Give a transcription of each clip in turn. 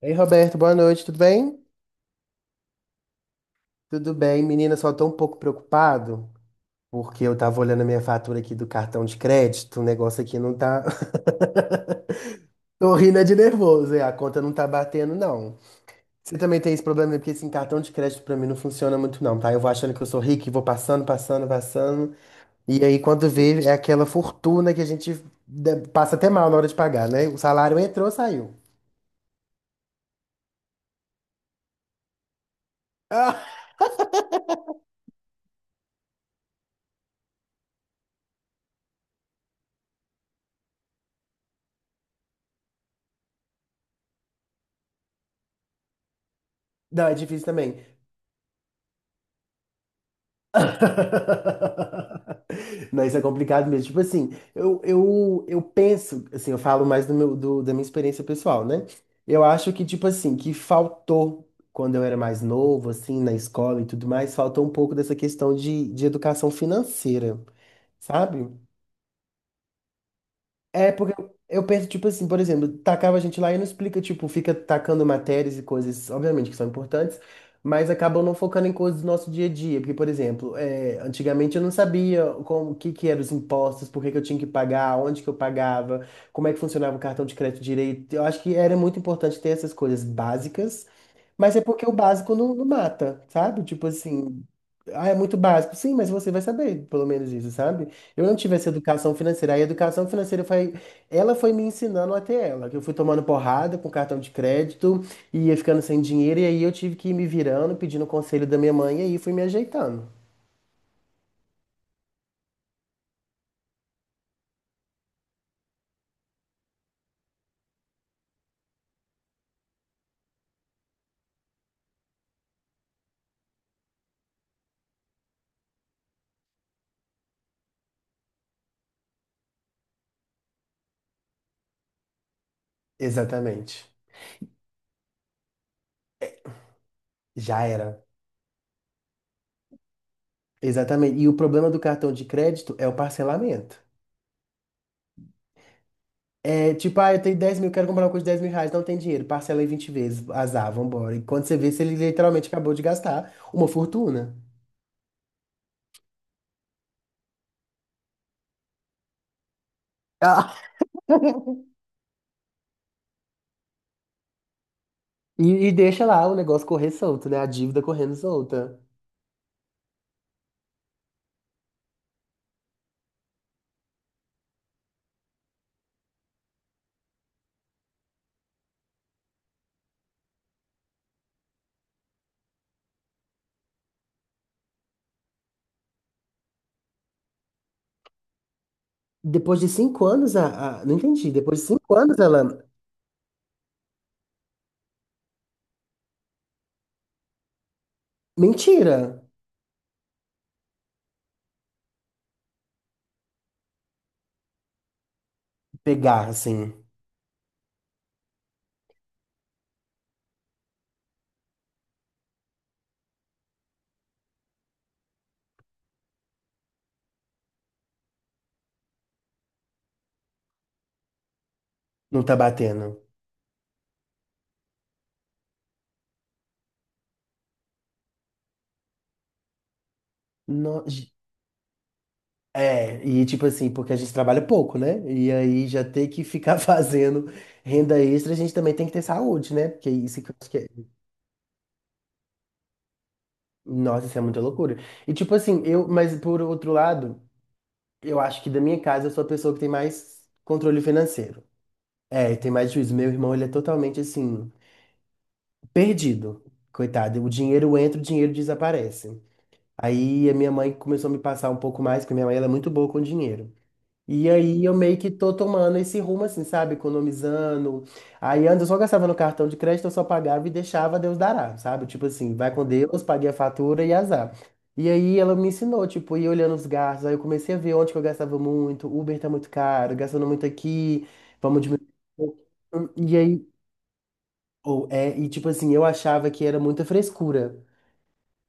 Ei, Roberto, boa noite, tudo bem? Tudo bem, menina, só tô um pouco preocupado, porque eu tava olhando a minha fatura aqui do cartão de crédito, o negócio aqui não tá. Tô rindo é de nervoso, é, a conta não tá batendo, não. Você também tem esse problema, né, porque assim, cartão de crédito pra mim não funciona muito, não, tá? Eu vou achando que eu sou rico e vou passando, passando, passando. E aí, quando vê, é aquela fortuna que a gente passa até mal na hora de pagar, né? O salário entrou, saiu. Ah, não, é difícil também. Não, isso é complicado mesmo. Tipo assim, eu penso, assim, eu falo mais do meu, da minha experiência pessoal, né? Eu acho que, tipo assim, que faltou, quando eu era mais novo, assim, na escola e tudo mais, faltou um pouco dessa questão de educação financeira, sabe? É porque eu penso, tipo assim, por exemplo, tacava a gente lá e não explica, tipo, fica tacando matérias e coisas, obviamente, que são importantes, mas acabam não focando em coisas do nosso dia a dia. Porque, por exemplo, é, antigamente eu não sabia como, o que que eram os impostos, por que que eu tinha que pagar, onde que eu pagava, como é que funcionava o cartão de crédito direito. Eu acho que era muito importante ter essas coisas básicas, mas é porque o básico não, não mata, sabe? Tipo assim, ah, é muito básico. Sim, mas você vai saber, pelo menos isso, sabe? Eu não tive essa educação financeira. A educação financeira foi, ela foi me ensinando até ela, que eu fui tomando porrada com cartão de crédito e ia ficando sem dinheiro e aí eu tive que ir me virando, pedindo conselho da minha mãe e aí fui me ajeitando. Exatamente. Já era. Exatamente. E o problema do cartão de crédito é o parcelamento. É, tipo, ah, eu tenho 10.000, quero comprar uma coisa de R$ 10.000, não tem dinheiro, parcela em 20 vezes, azar, vambora. E quando você vê, se ele literalmente acabou de gastar uma fortuna. Ah, e deixa lá o negócio correr solto, né? A dívida correndo solta. Depois de 5 anos, não entendi. Depois de 5 anos, ela. Mentira! Pegar, assim, não tá batendo. No- gi- É, e tipo assim, porque a gente trabalha pouco, né? E aí já ter que ficar fazendo renda extra, a gente também tem que ter saúde, né? Porque isso que eu acho que é. Nossa, isso é muita loucura. E tipo assim, eu, mas por outro lado, eu acho que da minha casa eu sou a pessoa que tem mais controle financeiro. É, e tem mais juízo. Meu irmão, ele é totalmente assim, perdido. Coitado, o dinheiro entra, o dinheiro desaparece. Aí a minha mãe começou a me passar um pouco mais, porque minha mãe ela é muito boa com dinheiro. E aí eu meio que tô tomando esse rumo assim, sabe? Economizando. Aí antes eu só gastava no cartão de crédito, eu só pagava e deixava Deus dará, sabe? Tipo assim, vai com Deus, paguei a fatura e azar. E aí ela me ensinou, tipo, ir olhando os gastos. Aí eu comecei a ver onde que eu gastava muito. Uber tá muito caro, gastando muito aqui, vamos diminuir um pouco. E aí, ou é, e tipo assim, eu achava que era muita frescura.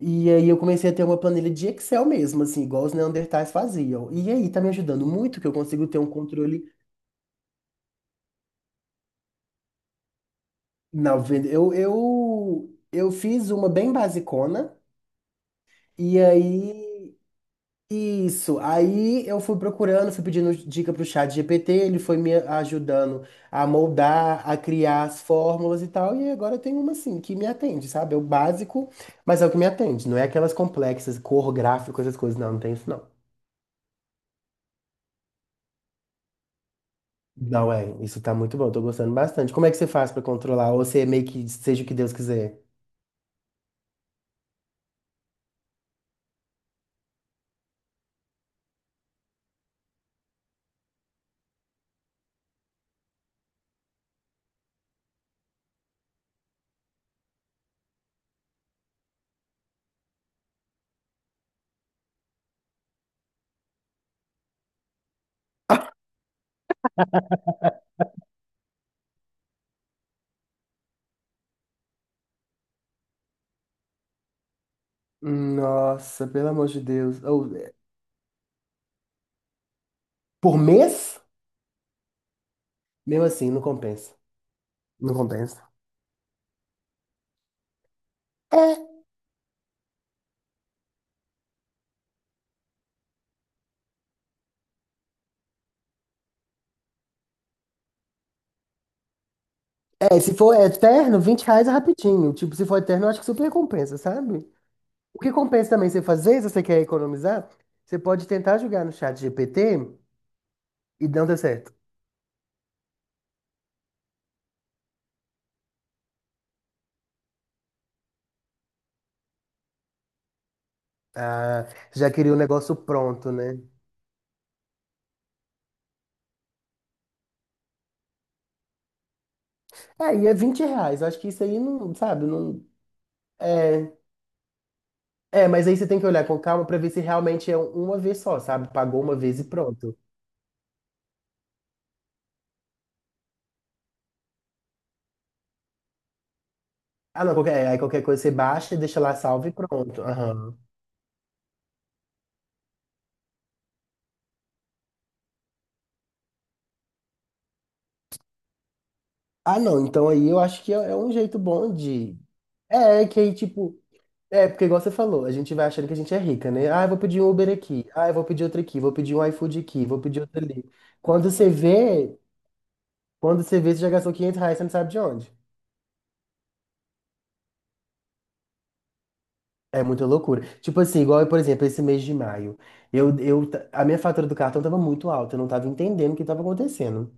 E aí eu comecei a ter uma planilha de Excel mesmo, assim, igual os Neandertais faziam. E aí tá me ajudando muito que eu consigo ter um controle. Não, eu fiz uma bem basicona, e aí, isso, aí eu fui procurando, fui pedindo dica pro Chat GPT, ele foi me ajudando a moldar, a criar as fórmulas e tal, e agora eu tenho uma assim, que me atende, sabe? É o básico, mas é o que me atende, não é aquelas complexas, cor, gráfico, essas coisas, não, não tem isso não. Não é, isso tá muito bom, tô gostando bastante. Como é que você faz pra controlar? Ou você meio que seja o que Deus quiser? Nossa, pelo amor de Deus. Ou- por mês? Mesmo assim, não compensa. Não compensa. Se for eterno, R$ 20 é rapidinho. Tipo, se for eterno, eu acho que super compensa, sabe? O que compensa também você fazer, se você quer economizar, você pode tentar jogar no Chat GPT e não deu certo. Ah, já queria o negócio pronto, né? É, e é R$ 20. Eu acho que isso aí não, sabe, não. É, mas aí você tem que olhar com calma pra ver se realmente é uma vez só, sabe? Pagou uma vez e pronto. Ah, não, qualquer, aí qualquer coisa você baixa e deixa lá salvo e pronto. Aham. Ah, não, então aí eu acho que é um jeito bom de. É que aí, tipo. É, porque igual você falou, a gente vai achando que a gente é rica, né? Ah, eu vou pedir um Uber aqui. Ah, eu vou pedir outro aqui. Vou pedir um iFood aqui. Vou pedir outro ali. Quando você vê, quando você vê, você já gastou R$ 500, você não sabe de onde. É muita loucura. Tipo assim, igual, por exemplo, esse mês de maio. A minha fatura do cartão tava muito alta. Eu não tava entendendo o que tava acontecendo.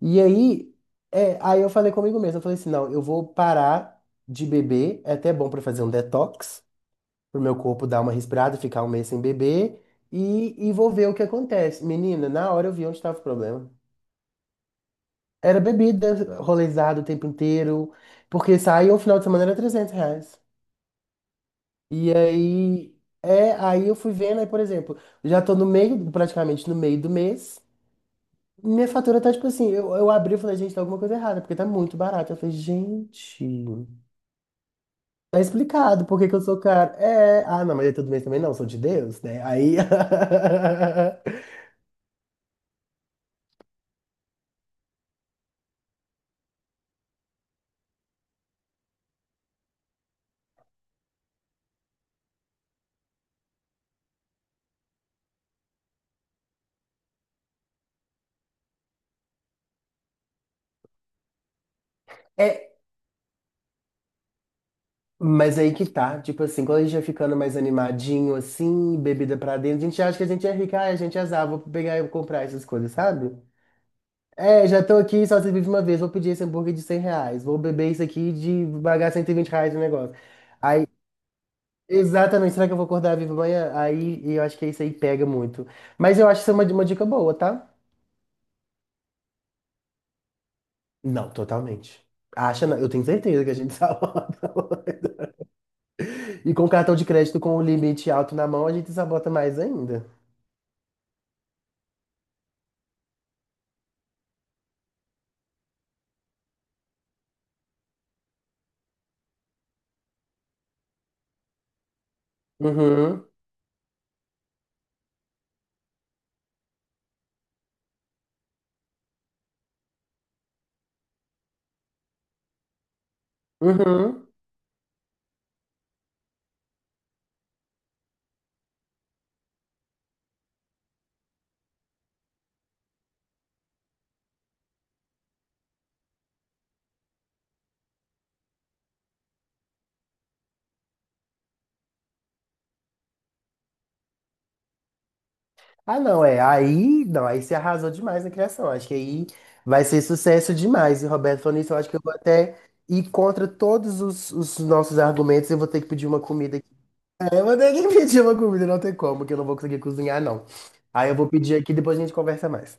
E aí, é, aí eu falei comigo mesmo. Eu falei assim, não, eu vou parar de beber. É até bom pra fazer um detox, pro meu corpo dar uma respirada, ficar um mês sem beber e vou ver o que acontece. Menina, na hora eu vi onde estava o problema. Era bebida, rolezado o tempo inteiro, porque saía o final de semana era R$ 300. E aí, é, aí eu fui vendo, aí, por exemplo, já tô no meio, praticamente no meio do mês, minha fatura tá tipo assim, eu abri e falei, gente, tá alguma coisa errada, porque tá muito barato. Eu falei, gente, tá explicado por que que eu sou caro. É, ah, não, mas é todo mês também não, sou de Deus, né? Aí. É, mas aí que tá, tipo assim, quando a gente vai ficando mais animadinho, assim, bebida pra dentro, a gente acha que a gente é rica, ai, a gente é azar, vou pegar e comprar essas coisas, sabe? É, já tô aqui, só se vive uma vez, vou pedir esse hambúrguer de R$ 100, vou beber isso aqui de pagar R$ 120 no negócio. Aí, exatamente, será que eu vou acordar vivo amanhã? Aí, e eu acho que isso aí pega muito. Mas eu acho isso é uma dica boa, tá? Não, totalmente. Acha, não. Eu tenho certeza que a gente sabota. E com cartão de crédito com o limite alto na mão, a gente sabota mais ainda. Uhum. Uhum. Ah, não, é. Aí, não, aí você arrasou demais na criação. Acho que aí vai ser sucesso demais. E o Roberto falou nisso, eu acho que eu vou até ir contra todos os nossos argumentos. Eu vou ter que pedir uma comida aqui. É, eu vou ter que pedir uma comida, não tem como, que eu não vou conseguir cozinhar, não. Aí eu vou pedir aqui, depois a gente conversa mais.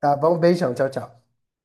Tá bom? Beijão, tchau, tchau.